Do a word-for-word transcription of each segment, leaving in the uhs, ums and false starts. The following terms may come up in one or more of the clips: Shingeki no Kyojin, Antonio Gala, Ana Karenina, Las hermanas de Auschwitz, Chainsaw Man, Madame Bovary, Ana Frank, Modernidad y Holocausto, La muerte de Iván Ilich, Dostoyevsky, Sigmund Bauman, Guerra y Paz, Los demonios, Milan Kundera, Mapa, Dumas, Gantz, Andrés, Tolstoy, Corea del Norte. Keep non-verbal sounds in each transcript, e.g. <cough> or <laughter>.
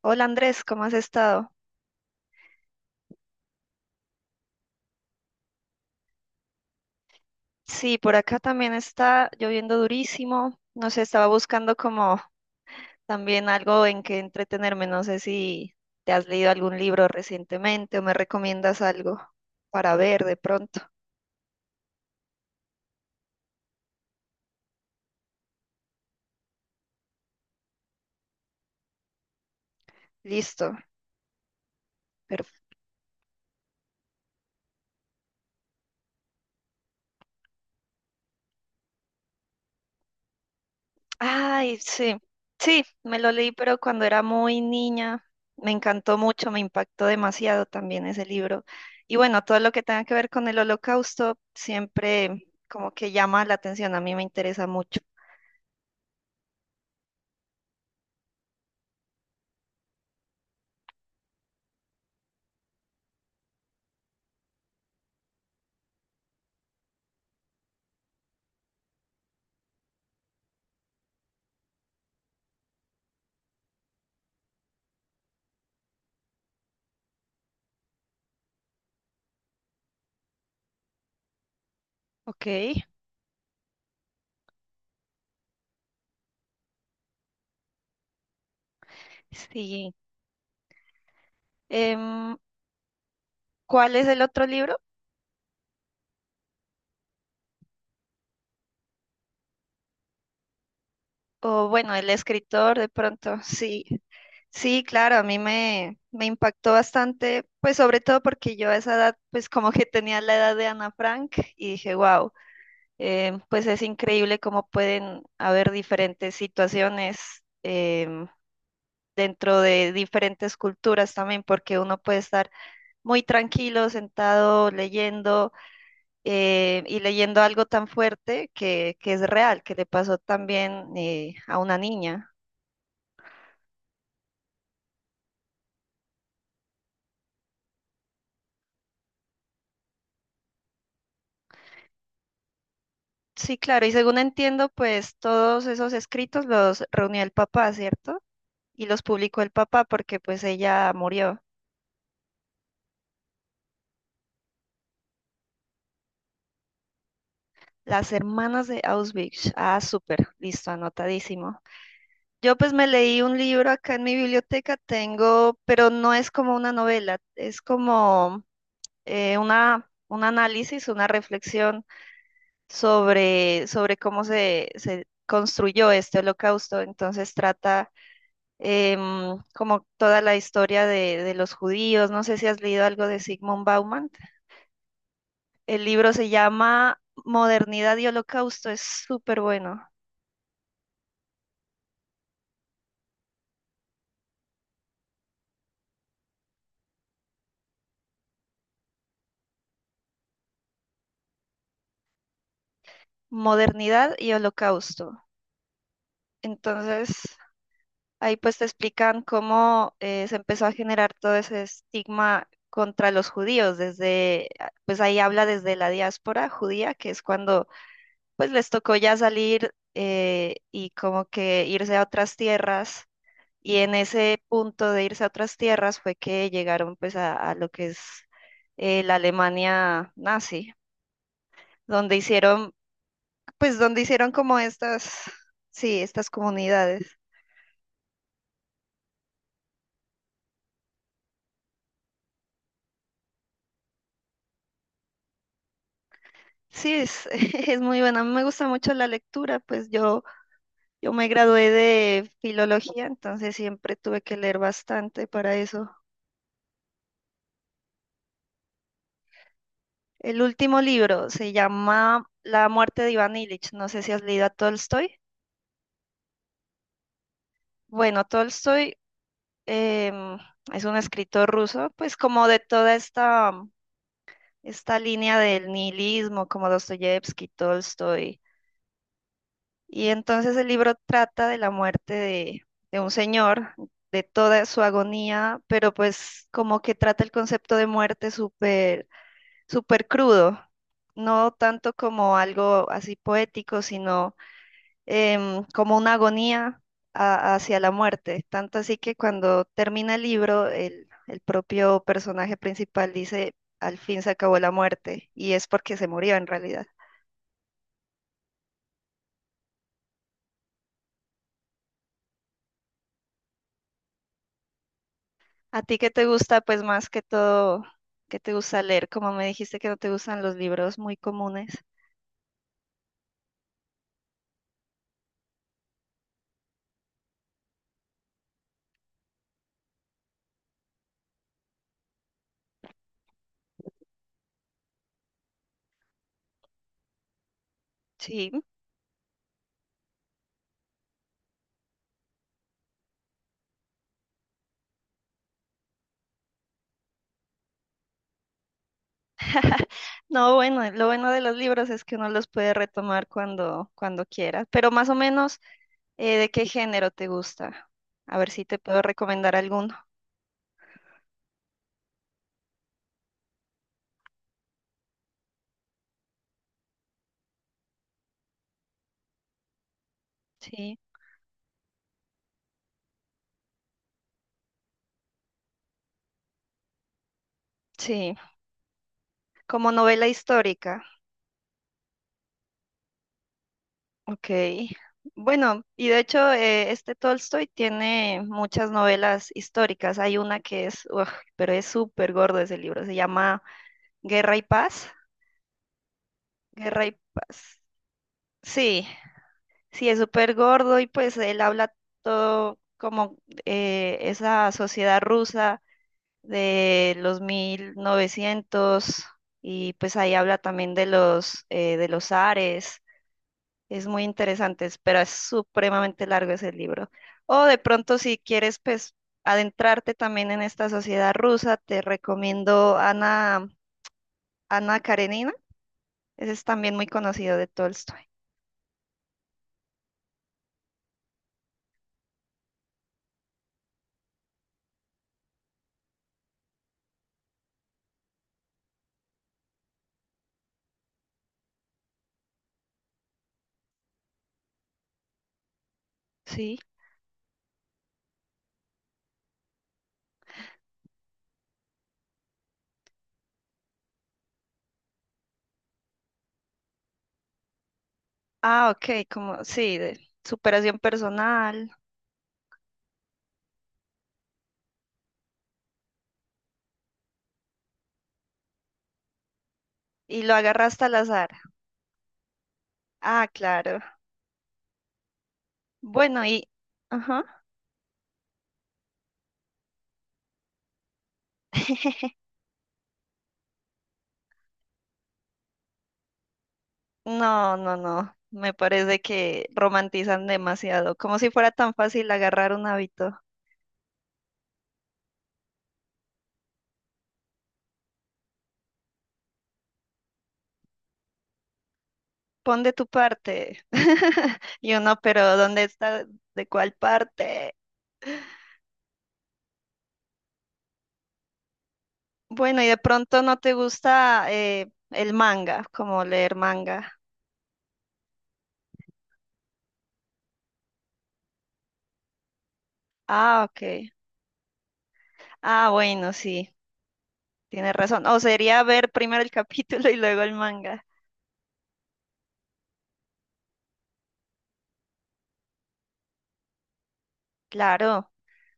Hola Andrés, ¿cómo has estado? Sí, por acá también está lloviendo durísimo. No sé, estaba buscando como también algo en que entretenerme. No sé si te has leído algún libro recientemente o me recomiendas algo para ver de pronto. Listo. Pero, ay, sí, sí, me lo leí, pero cuando era muy niña me encantó mucho, me impactó demasiado también ese libro. Y bueno, todo lo que tenga que ver con el holocausto siempre como que llama la atención, a mí me interesa mucho. Ok, sí. Em, ¿Cuál es el otro libro? O bueno, el escritor de pronto, sí. Sí, claro, a mí me, me impactó bastante, pues sobre todo porque yo a esa edad, pues como que tenía la edad de Ana Frank y dije, wow, pues es increíble cómo pueden haber diferentes situaciones em, dentro de diferentes culturas también, porque uno puede estar muy tranquilo, sentado, leyendo eh, y leyendo algo tan fuerte que, que es real, que le pasó también eh, a una niña. Sí, claro, y según entiendo, pues todos esos escritos los reunió el papá, ¿cierto? Y los publicó el papá porque pues ella murió. Las hermanas de Auschwitz. Ah, súper, listo, anotadísimo. Yo pues me leí un libro acá en mi biblioteca, tengo, pero no es como una novela, es como eh, una, un análisis, una reflexión sobre, sobre cómo se, se construyó este holocausto. Entonces trata em, como toda la historia de, de los judíos. No sé si has leído algo de Sigmund Bauman. El libro se llama Modernidad y Holocausto. Es súper bueno. Modernidad y Holocausto. Entonces, ahí pues te explican cómo eh, se empezó a generar todo ese estigma contra los judíos, desde, pues ahí habla desde la diáspora judía, que es cuando pues les tocó ya salir eh, y como que irse a otras tierras. Y en ese punto de irse a otras tierras fue que llegaron pues a, a lo que es eh, la Alemania nazi, donde hicieron, pues donde hicieron como estas, sí, estas comunidades. Sí, es, <laughs> es muy buena. A mí me gusta mucho la lectura, pues yo, yo me gradué de filología, entonces siempre tuve que leer bastante para eso. El último libro se llama La muerte de Iván Ilich. No sé si has leído a Tolstoy. Bueno, Tolstoy em, es un escritor ruso, pues como de toda esta, esta línea del nihilismo, como Dostoyevsky, Tolstoy. Y entonces el libro trata de la muerte de, de un señor, de toda su agonía, pero pues como que trata el concepto de muerte súper, súper crudo, no tanto como algo así poético, sino em, como una agonía a- hacia la muerte. Tanto así que cuando termina el libro, el, el propio personaje principal dice, al fin se acabó la muerte, y es porque se murió en realidad. ¿A ti qué te gusta, pues más que todo, qué te gusta leer? Como me dijiste que no te gustan los libros muy comunes. Sí. <laughs> No, bueno, lo bueno de los libros es que uno los puede retomar cuando, cuando quiera. Pero más o menos, eh, ¿de qué género te gusta? A ver si te puedo recomendar alguno. Sí. Sí, como novela histórica. Ok. Bueno, y de hecho eh, este Tolstoy tiene muchas novelas históricas. Hay una que es, uf, pero es súper gordo ese libro. Se llama Guerra y Paz. Guerra y Paz. Sí, sí, es súper gordo y pues él habla todo como eh, esa sociedad rusa de los mil novecientos y pues ahí habla también de los, eh, de los zares. Es muy interesante, pero es supremamente largo ese libro. O de pronto, si quieres, pues, adentrarte también en esta sociedad rusa, te recomiendo Ana, Ana Karenina. Ese es también muy conocido de Tolstoy. Sí. Ah, ok, como, sí, de superación personal. Y lo agarraste al azar. Ah, claro. Bueno, y, ajá. <laughs> No, no, no. Me parece que romantizan demasiado, como si fuera tan fácil agarrar un hábito. Pon de tu parte. <laughs> Y uno, pero ¿dónde está? ¿De cuál parte? Bueno, y de pronto no te gusta eh, el manga, como leer manga. Ah, ok. Ah, bueno, sí, tienes razón. O sería ver primero el <laughs> capítulo y luego el manga. Claro.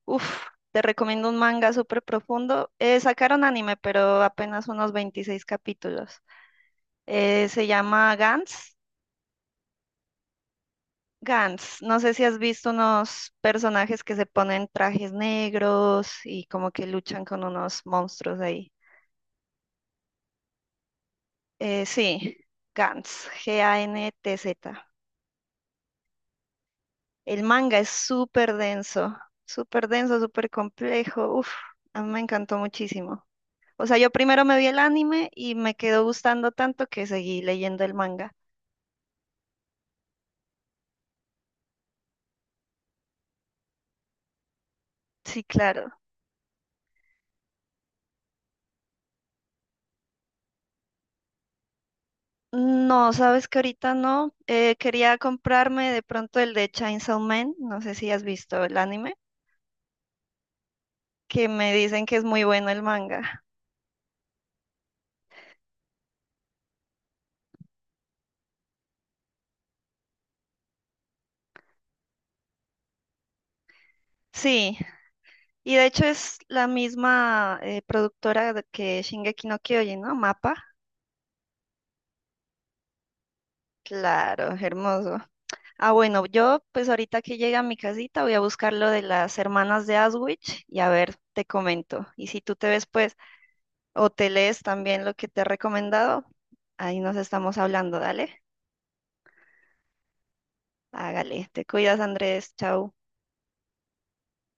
Uf, te recomiendo un manga súper profundo. Eh, sacaron anime, pero apenas unos veintiséis capítulos. Eh, se llama Gantz. Gantz, no sé si has visto unos personajes que se ponen trajes negros y como que luchan con unos monstruos ahí. Eh, sí, Gantz, G-A-N-T-Z. El manga es súper denso, súper denso, súper complejo. Uf, a mí me encantó muchísimo. O sea, yo primero me vi el anime y me quedó gustando tanto que seguí leyendo el manga. Sí, claro. No, sabes que ahorita no. Eh, quería comprarme de pronto el de Chainsaw Man. No sé si has visto el anime. Que me dicen que es muy bueno el manga. Sí, y de hecho es la misma eh, productora de- que Shingeki no Kyojin, ¿no? Mapa. Claro, hermoso. Ah, bueno, yo pues ahorita que llegue a mi casita voy a buscar lo de las hermanas de Aswich y a ver, te comento. Y si tú te ves pues o te lees también lo que te he recomendado, ahí nos estamos hablando, dale. Hágale, te cuidas, Andrés, chao.